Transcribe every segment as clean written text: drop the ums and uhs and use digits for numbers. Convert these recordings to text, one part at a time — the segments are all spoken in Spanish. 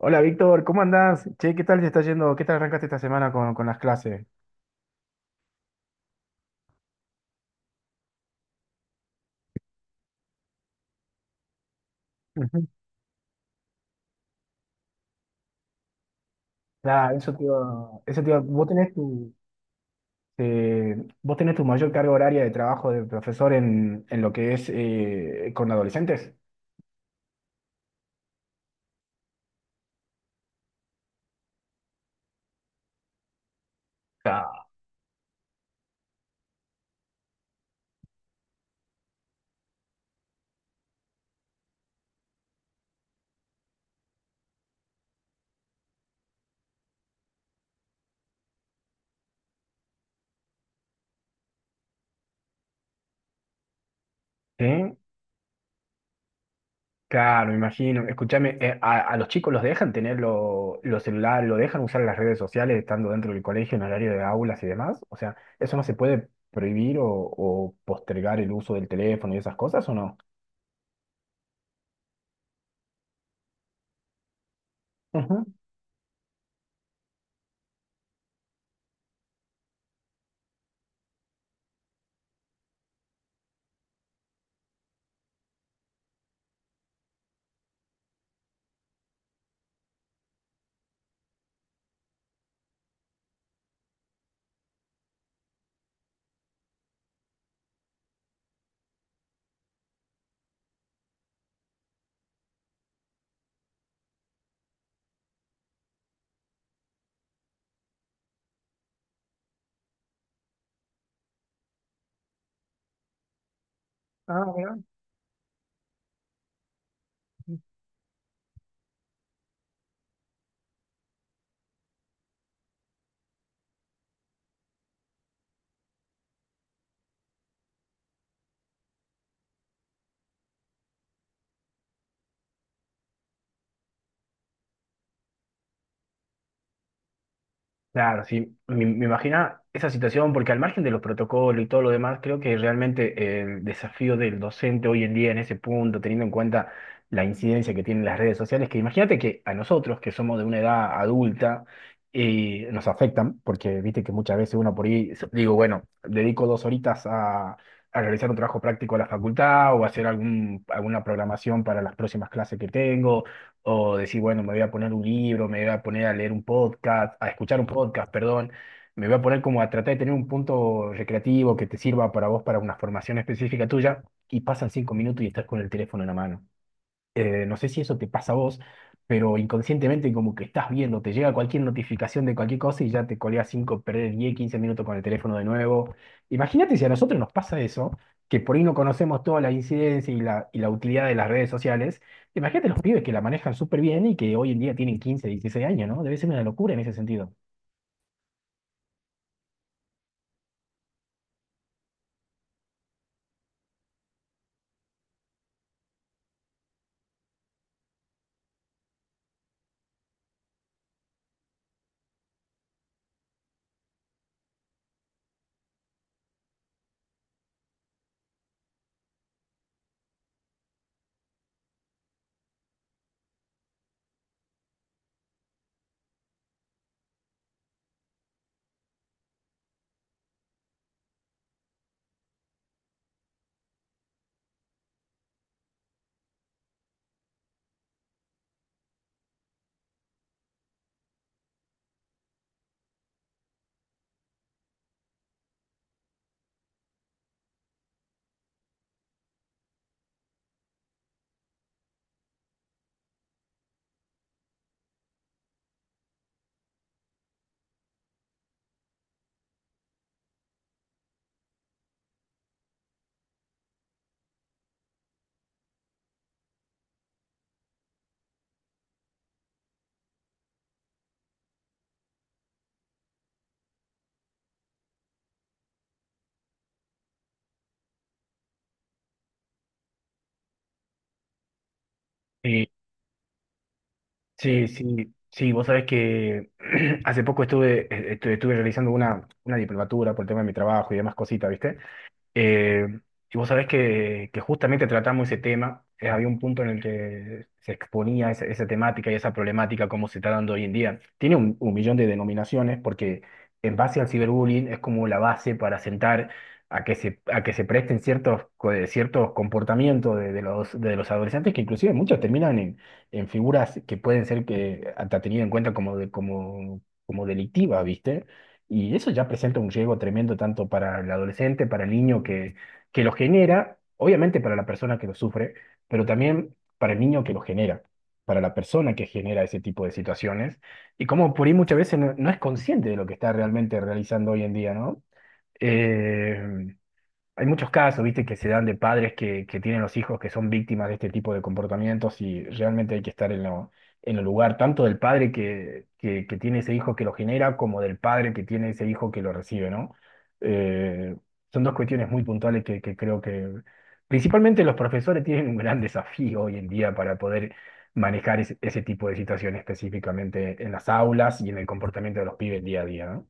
Hola Víctor, ¿cómo andás? Che, ¿qué tal te está yendo? ¿Qué tal arrancaste esta semana con las clases? Ujú. Claro, eh, vos tenés tu mayor carga horaria de trabajo de profesor en lo que es con adolescentes. Claro. ¿Sí? Claro, me imagino. Escúchame, a los chicos los dejan tener los celulares, lo dejan usar las redes sociales estando dentro del colegio en horario de aulas y demás. O sea, ¿eso no se puede prohibir o postergar el uso del teléfono y esas cosas o no? Ujú. Ah, mira. Claro, sí, me imagina esa situación, porque al margen de los protocolos y todo lo demás, creo que realmente el desafío del docente hoy en día en ese punto, teniendo en cuenta la incidencia que tienen las redes sociales, que imagínate que a nosotros, que somos de una edad adulta, y nos afectan, porque viste que muchas veces uno por ahí, digo, bueno, dedico 2 horitas a realizar un trabajo práctico a la facultad o a hacer alguna programación para las próximas clases que tengo o decir, bueno, me voy a poner un libro, me voy a poner a leer un podcast, a escuchar un podcast, perdón, me voy a poner como a tratar de tener un punto recreativo que te sirva para vos, para una formación específica tuya, y pasan 5 minutos y estás con el teléfono en la mano no sé si eso te pasa a vos, pero inconscientemente como que estás viendo, te llega cualquier notificación de cualquier cosa y ya te colgas 5 perder 10 15 minutos con el teléfono de nuevo. Imagínate si a nosotros nos pasa eso, que por ahí no conocemos toda la incidencia y y la utilidad de las redes sociales. Imagínate los pibes que la manejan súper bien y que hoy en día tienen 15 16 años, ¿no? Debe ser una locura en ese sentido. Sí, sí, sí, sí, vos sabés que hace poco estuve realizando una diplomatura por el tema de mi trabajo y demás cositas, ¿viste? Eh, y vos sabés que, justamente tratamos ese tema, había un punto en el que se exponía esa, esa temática y esa problemática, cómo se está dando hoy en día. Tiene un millón de denominaciones porque en base al ciberbullying es como la base para sentar a que se presten ciertos comportamientos de los adolescentes que inclusive muchos terminan en figuras que pueden ser que, hasta tenidas en cuenta como delictivas, ¿viste? Y eso ya presenta un riesgo tremendo tanto para el adolescente, para el niño que, lo genera, obviamente para la persona que lo sufre, pero también para el niño que lo genera, para la persona que genera ese tipo de situaciones. Y como por ahí muchas veces no es consciente de lo que está realmente realizando hoy en día, ¿no? Eh, hay muchos casos, viste, que se dan de padres que, tienen los hijos que son víctimas de este tipo de comportamientos y realmente hay que estar en lo, en el lugar tanto del padre que tiene ese hijo que lo genera como del padre que tiene ese hijo que lo recibe, ¿no? Eh, son dos cuestiones muy puntuales que, creo que principalmente los profesores tienen un gran desafío hoy en día para poder manejar ese tipo de situaciones específicamente en las aulas y en el comportamiento de los pibes día a día, ¿no?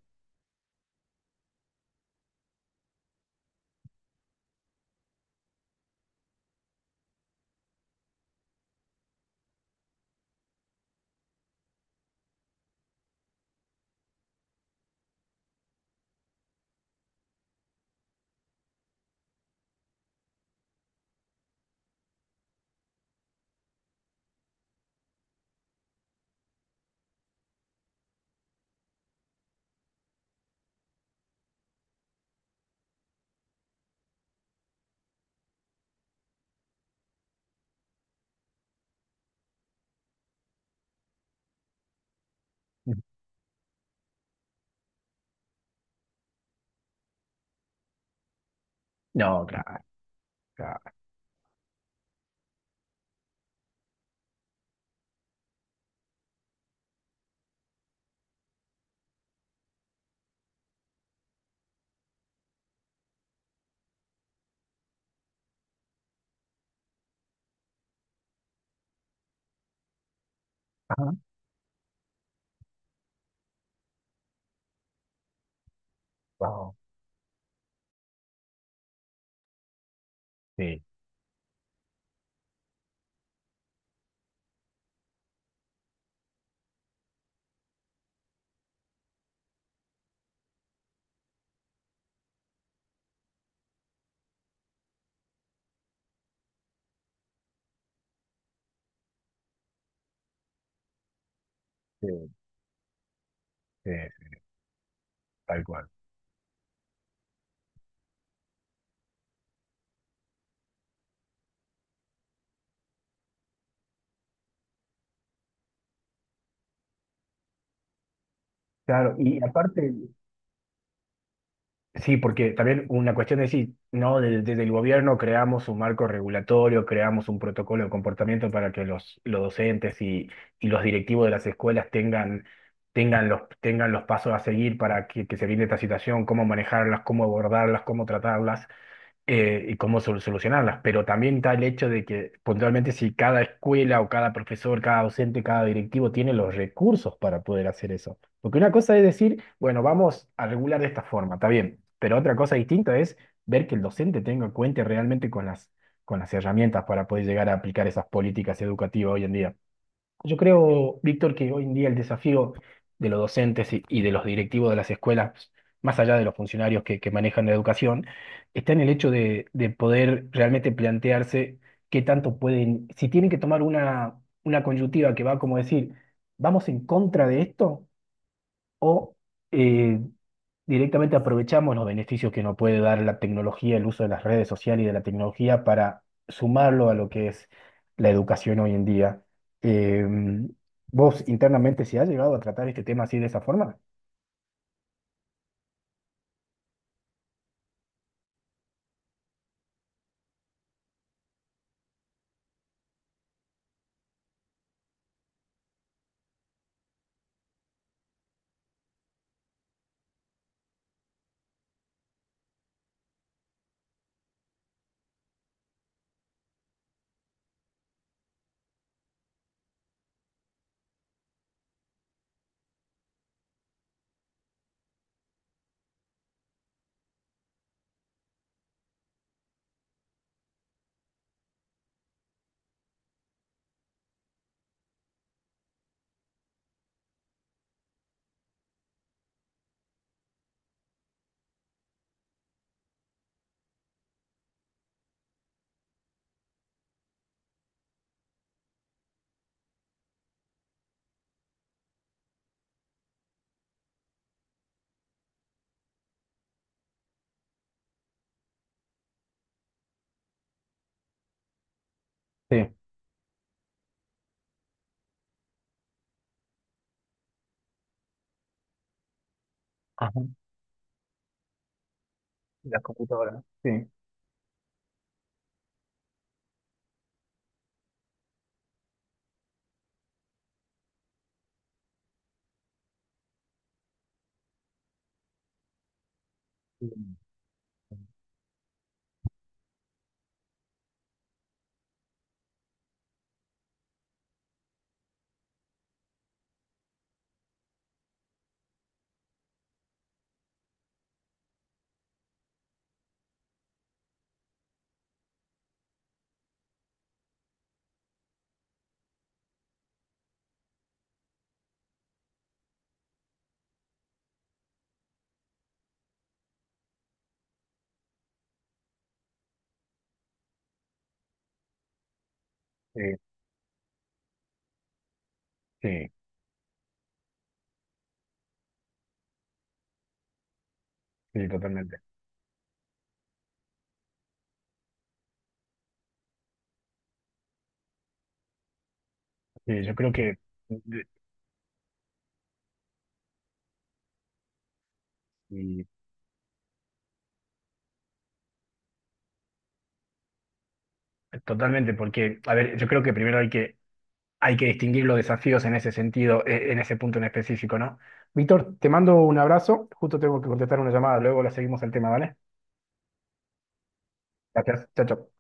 No, claro, claro. Ajá. Wow. Sí. eh, tal cual. Claro, y aparte, sí, porque también una cuestión es decir, no, desde el gobierno creamos un marco regulatorio, creamos un protocolo de comportamiento para que los docentes y los directivos de las escuelas tengan los pasos a seguir para que, se evite esta situación, cómo manejarlas, cómo abordarlas, cómo tratarlas. Y cómo solucionarlas, pero también está el hecho de que puntualmente si cada escuela o cada profesor, cada docente, cada directivo tiene los recursos para poder hacer eso. Porque una cosa es decir, bueno, vamos a regular de esta forma, está bien, pero otra cosa distinta es ver que el docente cuente realmente con las herramientas para poder llegar a aplicar esas políticas educativas hoy en día. Yo creo, Víctor, que hoy en día el desafío de los docentes y de los directivos de las escuelas, más allá de los funcionarios que, manejan la educación, está en el hecho de poder realmente plantearse qué tanto pueden, si tienen que tomar una coyuntiva que va como decir, vamos en contra de esto o eh, directamente aprovechamos los beneficios que nos puede dar la tecnología, el uso de las redes sociales y de la tecnología para sumarlo a lo que es la educación hoy en día. Eh, ¿Vos internamente si has llegado a tratar este tema así de esa forma? Sí. Ajá. La computadora. Sí. Sí, sí, sí, totalmente. Sí, yo creo que, y- totalmente, porque, a ver, yo creo que primero hay que distinguir los desafíos en ese sentido, en ese punto en específico, ¿no? Víctor, te mando un abrazo. Justo tengo que contestar una llamada. Luego la seguimos el tema, ¿vale? Gracias. Chao, chao.